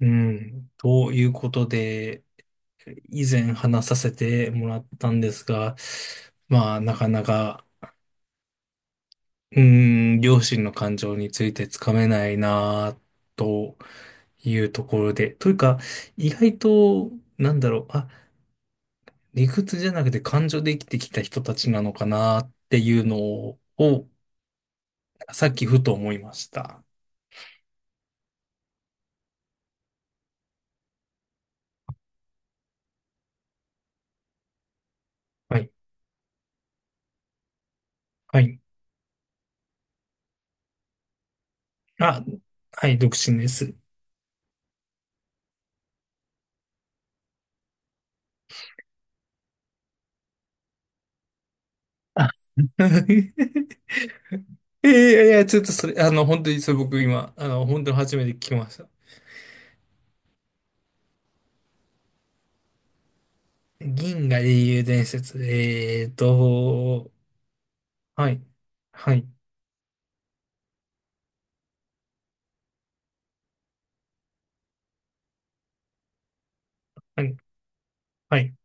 うん。ということで、以前話させてもらったんですが、まあ、なかなか、うん、両親の感情についてつかめないな、というところで。というか、意外と、なんだろう、あ、理屈じゃなくて感情で生きてきた人たちなのかな、っていうのをさっきふと思いました。はい。はい。あ、はい、独身です。あ えーいやいや、ちょっとそれ、あの、本当にそれ僕今、あの、本当に初めて聞きました。銀河英雄伝説。えーと、はい、はい、はい、はい、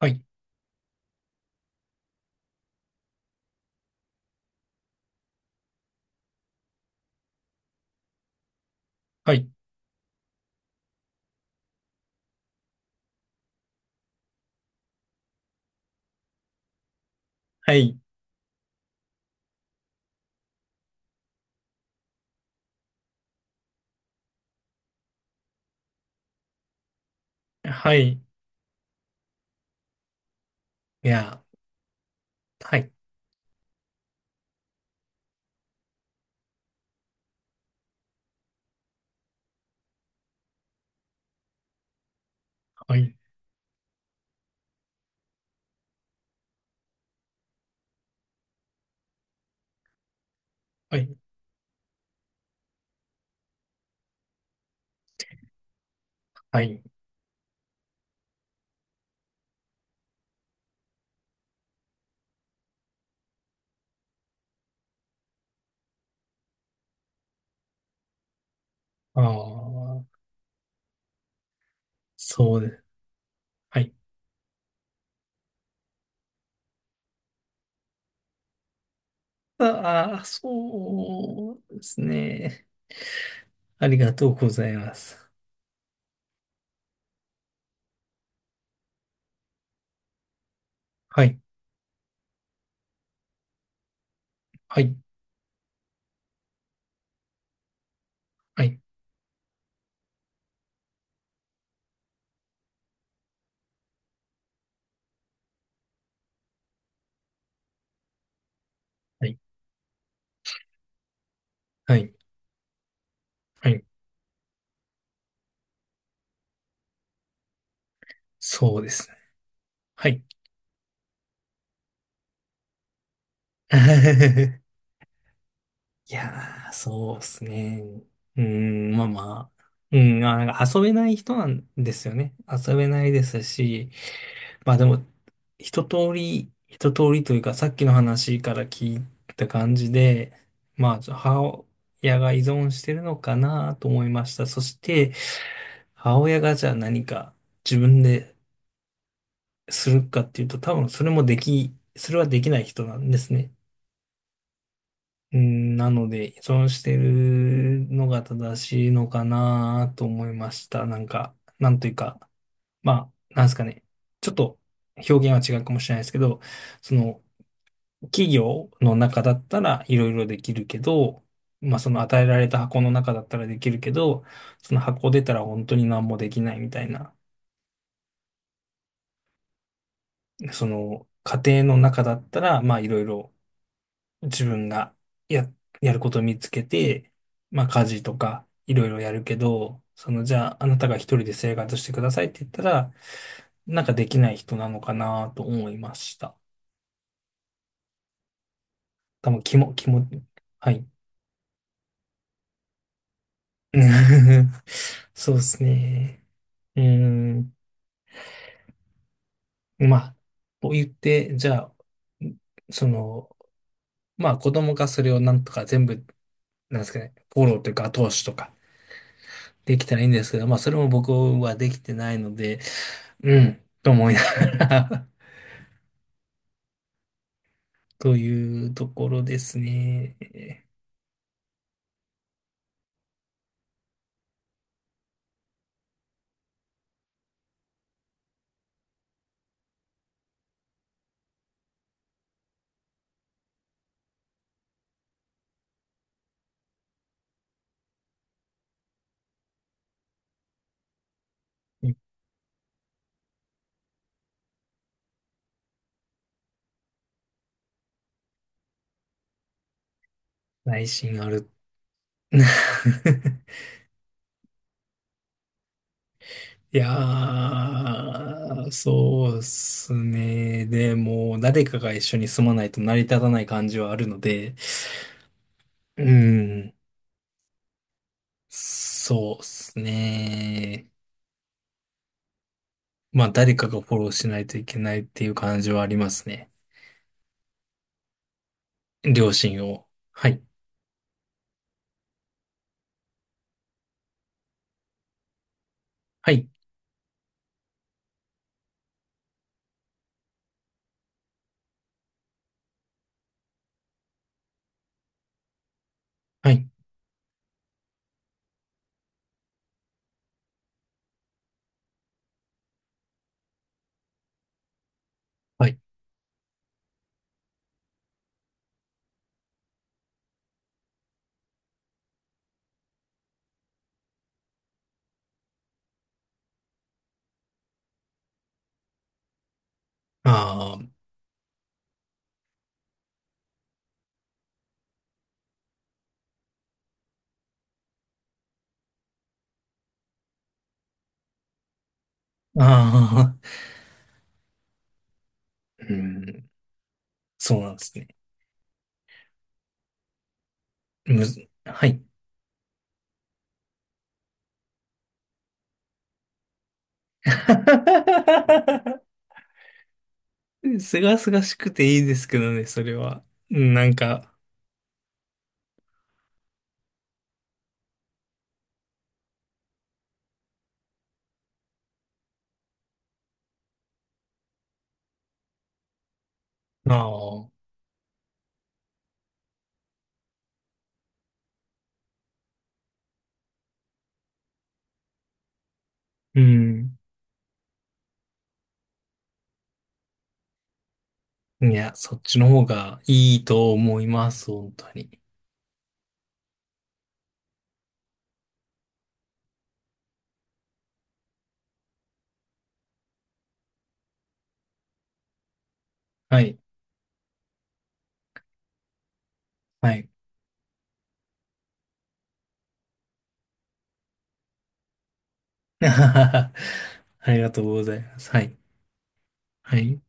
はい、はい、はい、はい、いや、はい、はい、はい、はい、ああ、そうです。はい。ああ、そうですね。ありがとうございます。はい、はい、はい、はい、はい、はい、そうですね。はい。いやー、そうですね。うーん、まあまあ。うん、まあ、なんか遊べない人なんですよね。遊べないですし、まあでも、一通りというか、さっきの話から聞いた感じで、まあ、母親が依存してるのかなと思いました。そして、母親がじゃあ何か自分でするかっていうと、多分それもでき、それはできない人なんですね。うん、なので、依存してるのが正しいのかなと思いました。なんか、なんというか、まあ、なんですかね。ちょっと表現は違うかもしれないですけど、その、企業の中だったらいろいろできるけど、まあ、その与えられた箱の中だったらできるけど、その箱出たら本当に何もできないみたいな、その、家庭の中だったら、まあ、いろいろ自分がや、やることを見つけて、まあ家事とかいろいろやるけど、そのじゃああなたが一人で生活してくださいって言ったら、なんかできない人なのかなと思いました。多分気も、気も、はい。そうですね。うーん。まあ、と言って、じゃあ、その、まあ子供がそれをなんとか全部、なんですかね、フォローというか後押しとかできたらいいんですけど、まあそれも僕はできてないので、うん、と思いながら というところですね。内心ある。いやー、そうっすね。でも、誰かが一緒に住まないと成り立たない感じはあるので、うん、そうっすね。まあ、誰かがフォローしないといけないっていう感じはありますね。両親を。はい、はい、はい、はい。あー、あー、うんそうなんですね。むず、はい。すがすがしくていいですけどね、それは。うんなんか、ああ、うん。いや、そっちの方がいいと思います、本当に。はい、はい。ありがとうございます。はい、はい、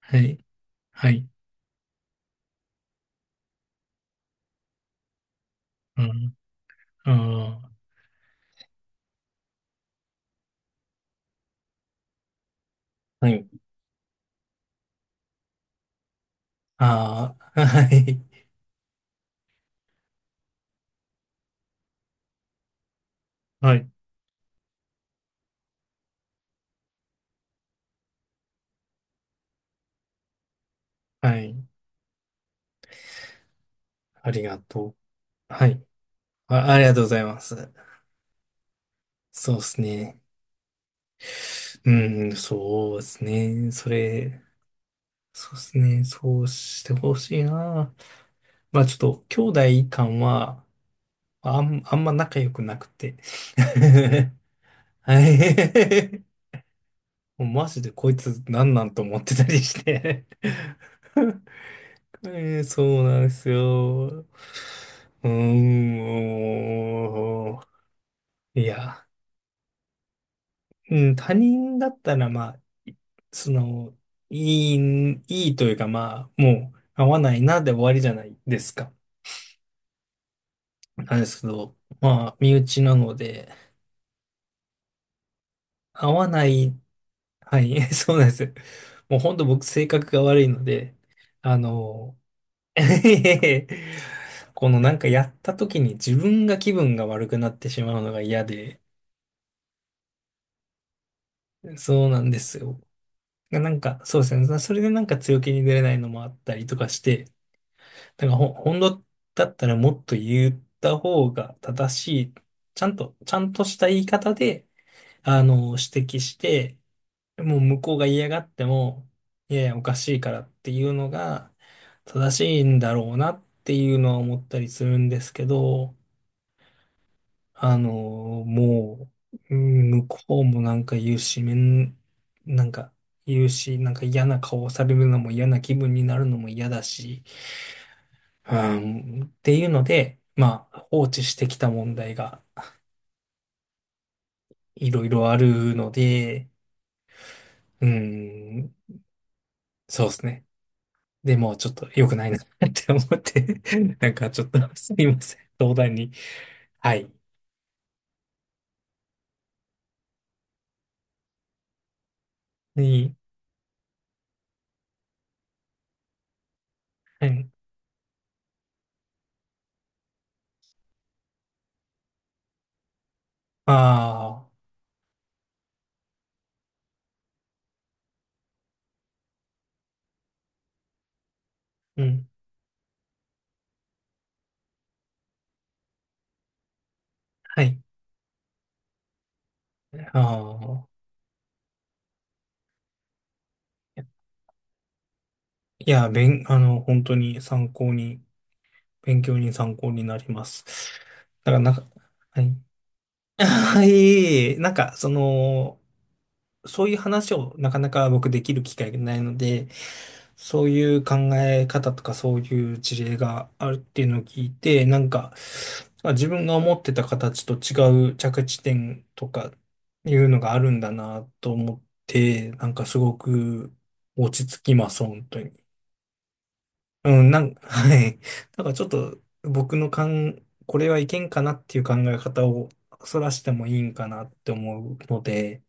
はい、はい。うん、あーはい。ああ、はい、はい、はい。ありがとう。はい。あ、ありがとうございます。そうですね。うん、そうですね。それ、そうですね。そうしてほしいな。まあちょっと、兄弟間は、あんま仲良くなくて。はい。もうマジでこいつなんなんと思ってたりして えーそうなんですよ。うーん。いや。うん、他人だったら、まあ、いその、いいというか、まあ、もう、合わないなで終わりじゃないですか。なんですけど、まあ、身内なので、合わない、はい、そうなんです。もう本当僕性格が悪いので、あの、このなんかやった時に自分が気分が悪くなってしまうのが嫌で、そうなんですよ。なんか、そうですね。それでなんか強気に出れないのもあったりとかして、だからほ、本当だったらもっと言った方が正しい、ちゃんとした言い方で、あの、指摘して、もう向こうが嫌がっても、いやいや、おかしいからっていうのが正しいんだろうなっていうのは思ったりするんですけど、あの、もう、うん向こうもなんか言うし、なんか言うし、なんか嫌な顔をされるのも嫌な気分になるのも嫌だし、うん、っていうので、まあ、放置してきた問題がいろいろあるので、うん、そうですね。でも、ちょっと良くないな って思って、なんかちょっとすみません。相談に。はい。に、はい。ああ、うん、はい。ああ、あの、本当に参考に、勉強に参考になります。だから、なんか、はい。はい。なんか、その、そういう話をなかなか僕できる機会がないので、そういう考え方とかそういう事例があるっていうのを聞いて、なんか、まあ自分が思ってた形と違う着地点とかいうのがあるんだなと思って、なんかすごく落ち着きます、本当に。うん、なん、はい。だからちょっと僕の感、これはいけんかなっていう考え方をそらしてもいいんかなって思うので、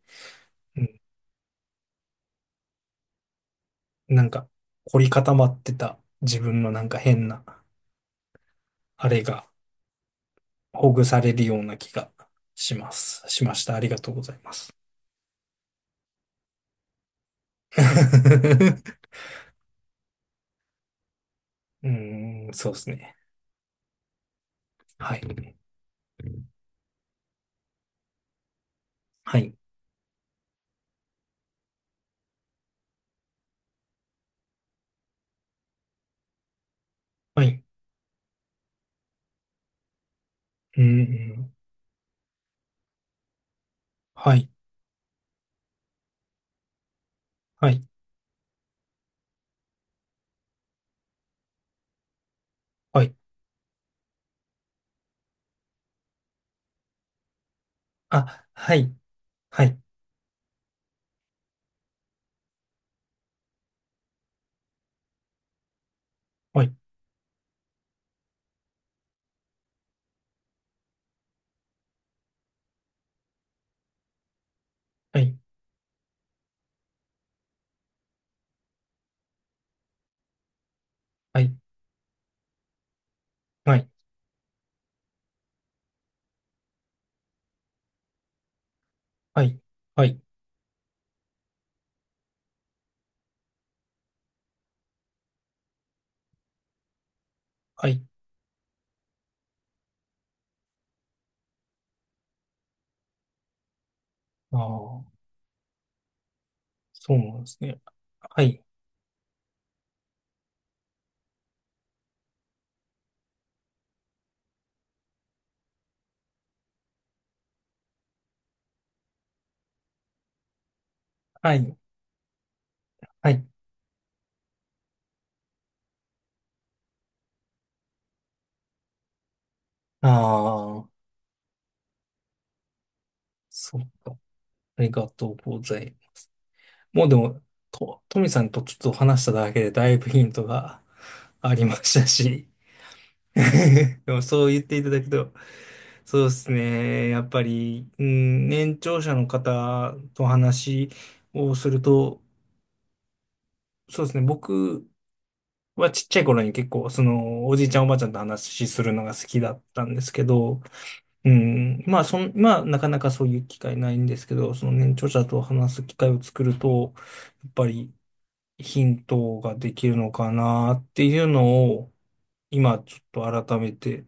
なんか凝り固まってた自分のなんか変な、あれがほぐされるような気がします。しました。ありがとうございます。うーん、そうですね。はい。はい。はい。うーん。はい。はい。はい。あ、はい。はい。はい。はい。はい。はい。はい。はい。はい。ああ、そうなんですね。はい。はい。はい。ああ、そっか。ありがとうございます。もうでも、トミさんとちょっと話しただけでだいぶヒントがありましたし、でもそう言っていただくと、そうですね。やっぱり、うん、年長者の方と話をすると、そうですね。僕はちっちゃい頃に結構、その、おじいちゃんおばあちゃんと話しするのが好きだったんですけど、うん、まあ、そん、まあ、なかなかそういう機会ないんですけど、その年長者と話す機会を作ると、やっぱり、ヒントができるのかなっていうのを、今ちょっと改めて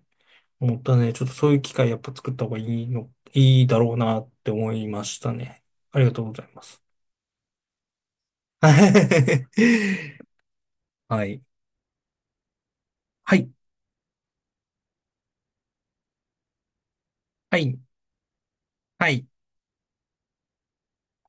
思ったね。ちょっとそういう機会やっぱ作った方がいいいいだろうなって思いましたね。ありがとうございます。はい。はい。はい。はい。